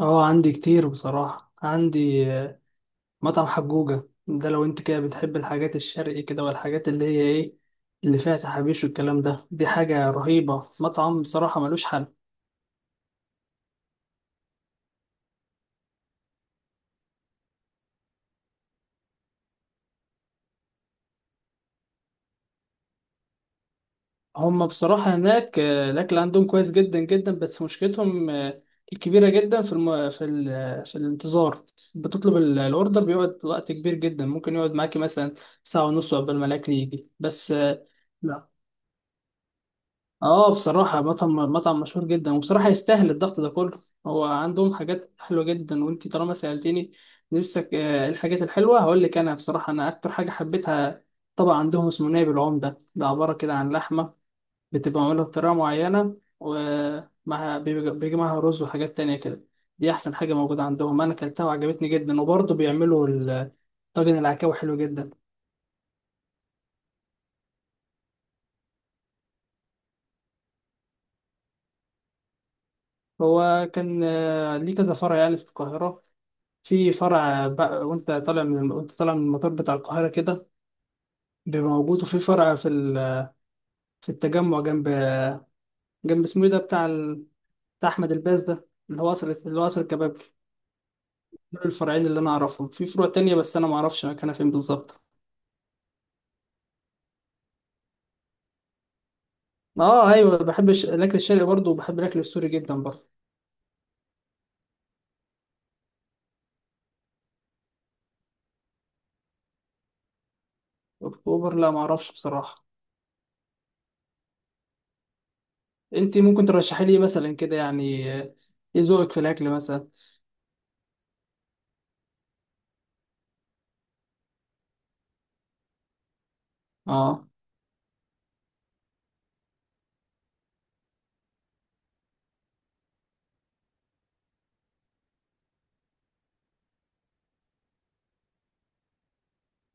اه، عندي كتير بصراحة. عندي مطعم حجوجة ده، لو انت كده بتحب الحاجات الشرقي كده والحاجات اللي هي ايه اللي فيها تحابيش والكلام ده، دي حاجة رهيبة. مطعم بصراحة ملوش حل. هما بصراحة هناك الأكل عندهم كويس جدا جدا، بس مشكلتهم الكبيرة جدا في في الانتظار. بتطلب الأوردر بيقعد وقت كبير جدا، ممكن يقعد معاكي مثلا ساعة ونص قبل ما الأكل يجي، بس لا. اه، بصراحة مطعم مشهور جدا، وبصراحة يستاهل الضغط ده كله. هو عندهم حاجات حلوة جدا، وانت طالما سألتني نفسك إيه الحاجات الحلوة، هقول لك. انا بصراحة، انا اكتر حاجة حبيتها طبعا عندهم اسمه نايب العمدة. ده عبارة كده عن لحمة بتبقى معمولة بطريقة معينة، ومعها بيجي معاها رز وحاجات تانية كده. دي احسن حاجة موجودة عندهم، انا اكلتها وعجبتني جدا. وبرضه بيعملوا طاجن العكاوي، حلو جدا. هو كان ليه كذا فرع يعني في القاهرة. في فرع بقى وانت طالع من المطار بتاع القاهرة كده، بيبقى موجود. وفي فرع في في التجمع، جنب اسمه ايه ده بتاع بتاع أحمد الباز ده، اللي هو قصر الكباب. دول الفرعين اللي أنا أعرفهم. في فروع تانية بس أنا معرفش مكانها فين بالظبط. اه أيوة، بحب الأكل الشرقي برضه، وبحب الأكل السوري جدا برضه. أكتوبر لا معرفش بصراحة. أنت ممكن ترشحي لي مثلا كده، يعني إيه ذوقك في الأكل مثلا. اه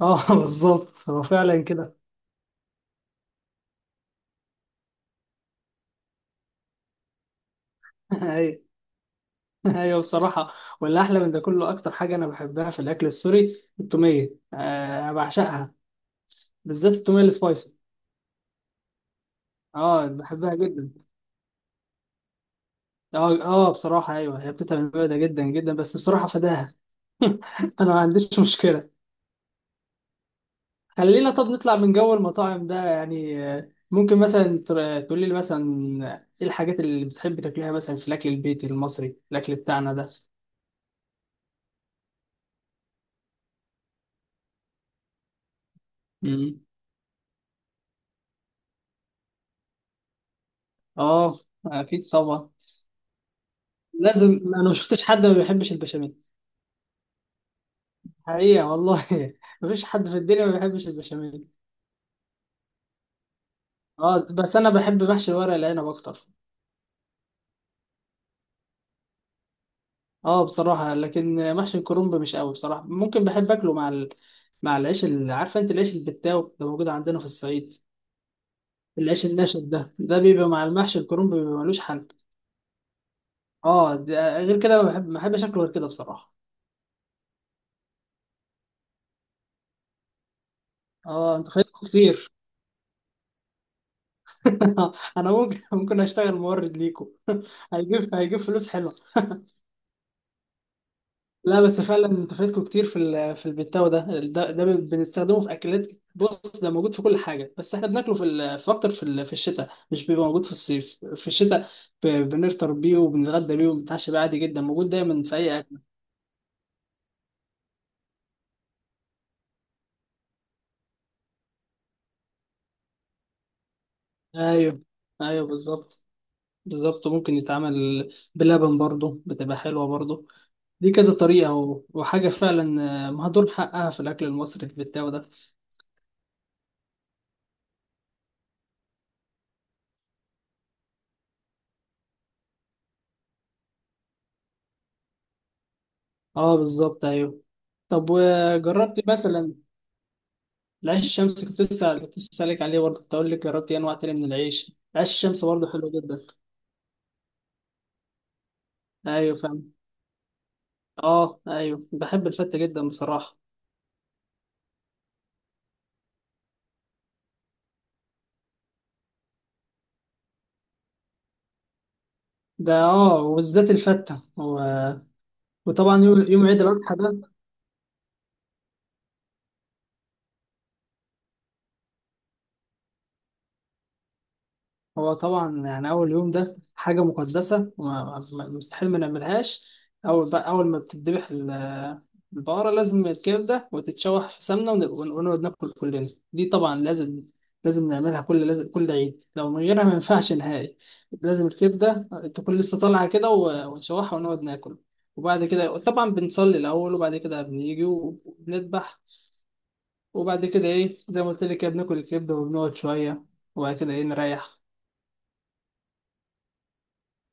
اه بالظبط، هو فعلا كده. ايوه. ايوه بصراحه. واللي احلى من ده كله، اكتر حاجه انا بحبها في الاكل السوري التوميه، آه أنا بعشقها، بالذات التوميه السبايسي. اه بحبها جدا. اه اه بصراحه ايوه، هي بتتعب المعده ده جدا جدا، بس بصراحه فداها. انا ما عنديش مشكله. خلينا طب نطلع من جو المطاعم ده، يعني ممكن مثلا تقول لي مثلا ايه الحاجات اللي بتحب تاكلها مثلا في الاكل البيتي المصري، الاكل بتاعنا ده. مم. اه اكيد طبعا. لازم. انا ما شفتش حد ما بيحبش البشاميل، حقيقة والله. مفيش حد في الدنيا ما بيحبش البشاميل. اه، بس انا بحب محشي ورق العنب اكتر. اه بصراحة، لكن محشي الكرنب مش قوي بصراحة. ممكن بحب اكله مع مع العيش، اللي عارفة انت، العيش البتاو ده موجود عندنا في الصعيد. العيش الناشف ده، ده بيبقى مع المحشي الكرنب بيبقى ملوش حل. اه، ده غير كده ما بحبش اكله غير كده بصراحة. اه انت فايتكوا كتير. انا ممكن اشتغل مورد ليكوا. هيجيب فلوس حلوة. لا بس فعلا انتوا فايتكوا كتير في في البتاو ده، ده بنستخدمه في اكلات. بص، ده موجود في كل حاجه، بس احنا بناكله في في الشتاء. مش بيبقى موجود في الصيف، في الشتاء بنفطر بيه وبنتغدى بيه وبنتعشى بيه، عادي جدا، موجود دايما في اي اكل. ايوه، ايوه بالظبط. بالظبط. ممكن يتعمل بلبن برضه، بتبقى حلوه برضه. دي كذا طريقه وحاجه فعلا مهدور حقها في الاكل المصري، البتاو ده. اه بالظبط ايوه. طب وجربت مثلا العيش الشمس؟ كنت لسه سالك عليه برضه، كنت اقول لك جربت إيه انواع تانية من العيش. العيش الشمس برضه حلو جدا. ايوه فاهم. اه ايوه، بحب الفته جدا بصراحه. ده اه، وبالذات الفته و... وطبعا يوم عيد الاضحى ده. هو طبعا، يعني أول يوم ده حاجة مقدسة مستحيل ما نعملهاش. أول بقى أول ما بتذبح البقرة، لازم الكبدة وتتشوح في سمنة ونقعد ناكل كلنا. دي طبعا لازم، لازم نعملها كل، لازم كل عيد، لو من غيرها ما ينفعش نهائي. لازم الكبدة تكون لسه طالعة كده ونشوحها ونقعد ناكل. وبعد كده طبعا بنصلي الأول، وبعد كده بنيجي وبنذبح، وبعد كده إيه، زي ما قلت لك كده، بناكل الكبدة وبنقعد شوية، وبعد كده إيه، نريح.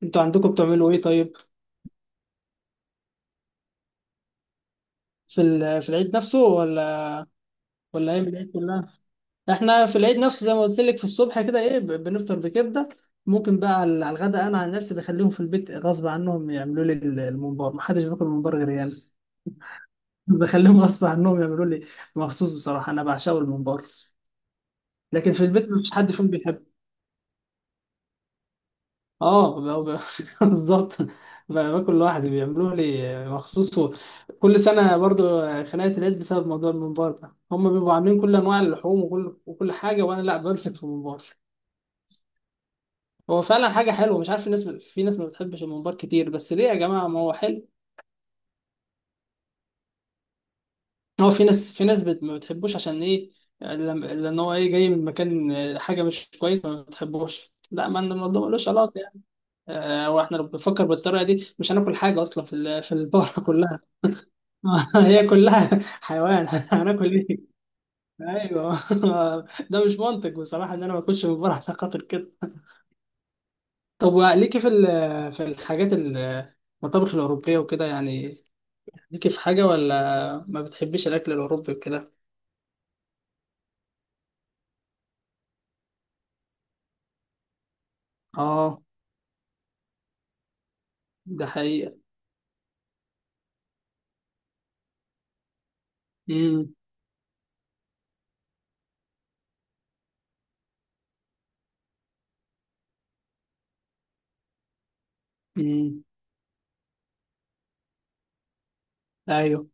انتوا عندكم بتعملوا ايه طيب، في في العيد نفسه، ولا ولا ايام العيد كلها؟ احنا في العيد نفسه، زي ما قلت لك، في الصبح كده ايه، بنفطر بكبده. ممكن بقى على الغداء، انا عن نفسي بخليهم في البيت غصب عنهم يعملوا لي الممبار. محدش بياكل ممبار غير يعني بخليهم غصب عنهم يعملوا لي مخصوص. بصراحه انا بعشقه الممبار، لكن في البيت مفيش حد فيهم بيحب. اه بالظبط. باكل لوحدي، بيعملوه لي مخصوص كل سنه برضو خناقه العيد بسبب موضوع الممبار ده. هم بيبقوا عاملين كل انواع اللحوم وكل حاجه، وانا لا، بمسك في الممبار. هو فعلا حاجه حلوه، مش عارف الناس في ناس ما بتحبش الممبار كتير، بس ليه يا جماعه، ما هو حلو. هو في ناس، ما بتحبوش، عشان ايه؟ لان هو ايه، جاي من مكان حاجه مش كويسه، ما بتحبوش. لا، ما الموضوع ملوش علاقه يعني. واحنا لو بنفكر بالطريقه دي، مش هناكل حاجه اصلا في في البقره كلها. هي كلها حيوان، هناكل ايه؟ ايوه. ده مش منطق بصراحه ان انا ما اكلش من بره عشان خاطر كده. طب وليكي في المطابخ الاوروبيه وكده يعني؟ ليكي في حاجه ولا ما بتحبيش الاكل الاوروبي وكده؟ اه ده حقيقه. امم. امم. ايوه،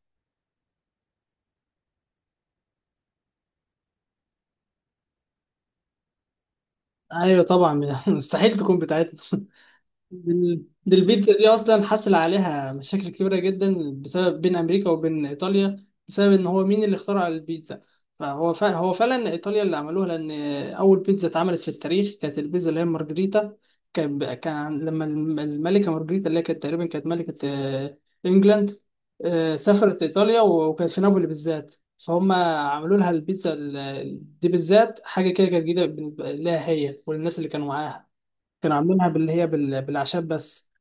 ايوه طبعا، مستحيل تكون بتاعتنا. دي البيتزا دي اصلا حصل عليها مشاكل كبيره جدا، بسبب بين امريكا وبين ايطاليا، بسبب ان هو مين اللي اخترع البيتزا. فهو فعلا، هو فعلا ايطاليا اللي عملوها، لان اول بيتزا اتعملت في التاريخ كانت البيتزا اللي هي مارجريتا. كان لما الملكه مارجريتا، اللي هي كانت تقريبا كانت ملكه انجلاند، سافرت ايطاليا وكانت في نابولي بالذات، فهم عملوا لها البيتزا دي بالذات. حاجه كده كانت جديده بالنسبة لها هي وللناس اللي كانوا معاها. كانوا عاملينها باللي هي بالاعشاب بس،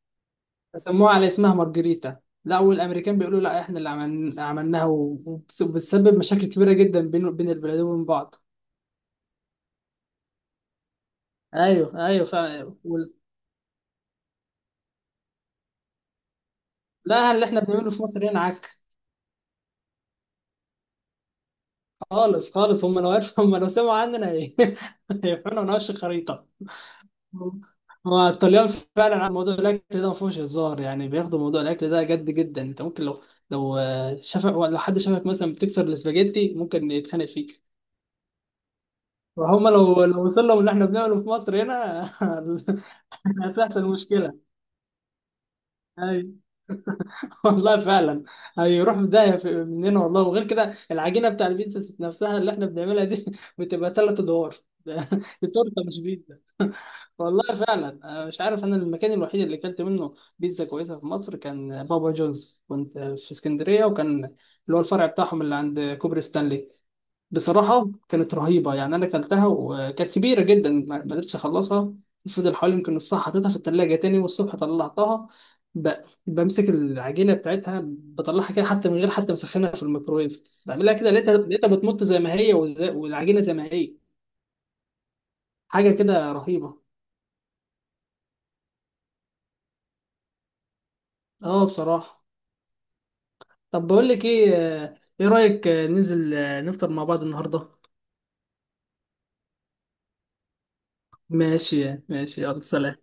سموها على اسمها مارجريتا. لا، والامريكان بيقولوا لا، احنا اللي عملناها، وبتسبب مشاكل كبيره جدا بين البلدين وبين بعض. ايوه، ايوه فعلا، لا، اللي احنا بنعمله في مصر هنا عك، خالص خالص. هم لو عرفوا، هم لو سمعوا عننا، هيفرقوا نقش الخريطه. هو الطليان فعلا على موضوع الاكل ده ما فيهوش هزار، يعني بياخدوا موضوع الاكل ده جد جدا. انت ممكن لو لو شافك، لو حد شافك مثلا بتكسر الاسباجيتي، ممكن يتخانق فيك. وهم لو لو وصل لهم اللي احنا بنعمله في مصر هنا، هتحصل مشكله. اي. والله فعلا، هيروح في داهيه مننا والله. وغير كده، العجينه بتاع البيتزا ذات نفسها اللي احنا بنعملها دي، بتبقى ثلاث ادوار. دي تورته مش بيتزا. والله فعلا، أنا مش عارف. انا المكان الوحيد اللي اكلت منه بيتزا كويسه في مصر كان بابا جونز، كنت في اسكندريه، وكان اللي هو الفرع بتاعهم اللي عند كوبري ستانلي. بصراحة كانت رهيبة، يعني أنا أكلتها وكانت كبيرة جدا، ما قدرتش أخلصها. فضل حوالي يمكن نصها، حطيتها في التلاجة، تاني والصبح طلعتها، ب... بمسك العجينة بتاعتها، بطلعها كده، حتى من غير حتى مسخنها في الميكرويف، بعملها كده، لقيتها بتمط زي ما هي، والعجينة زي ما هي. حاجة كده رهيبة. أه بصراحة. طب بقول لك إيه، إيه رأيك ننزل نفطر مع بعض النهاردة؟ ماشي ماشي، يلا سلام.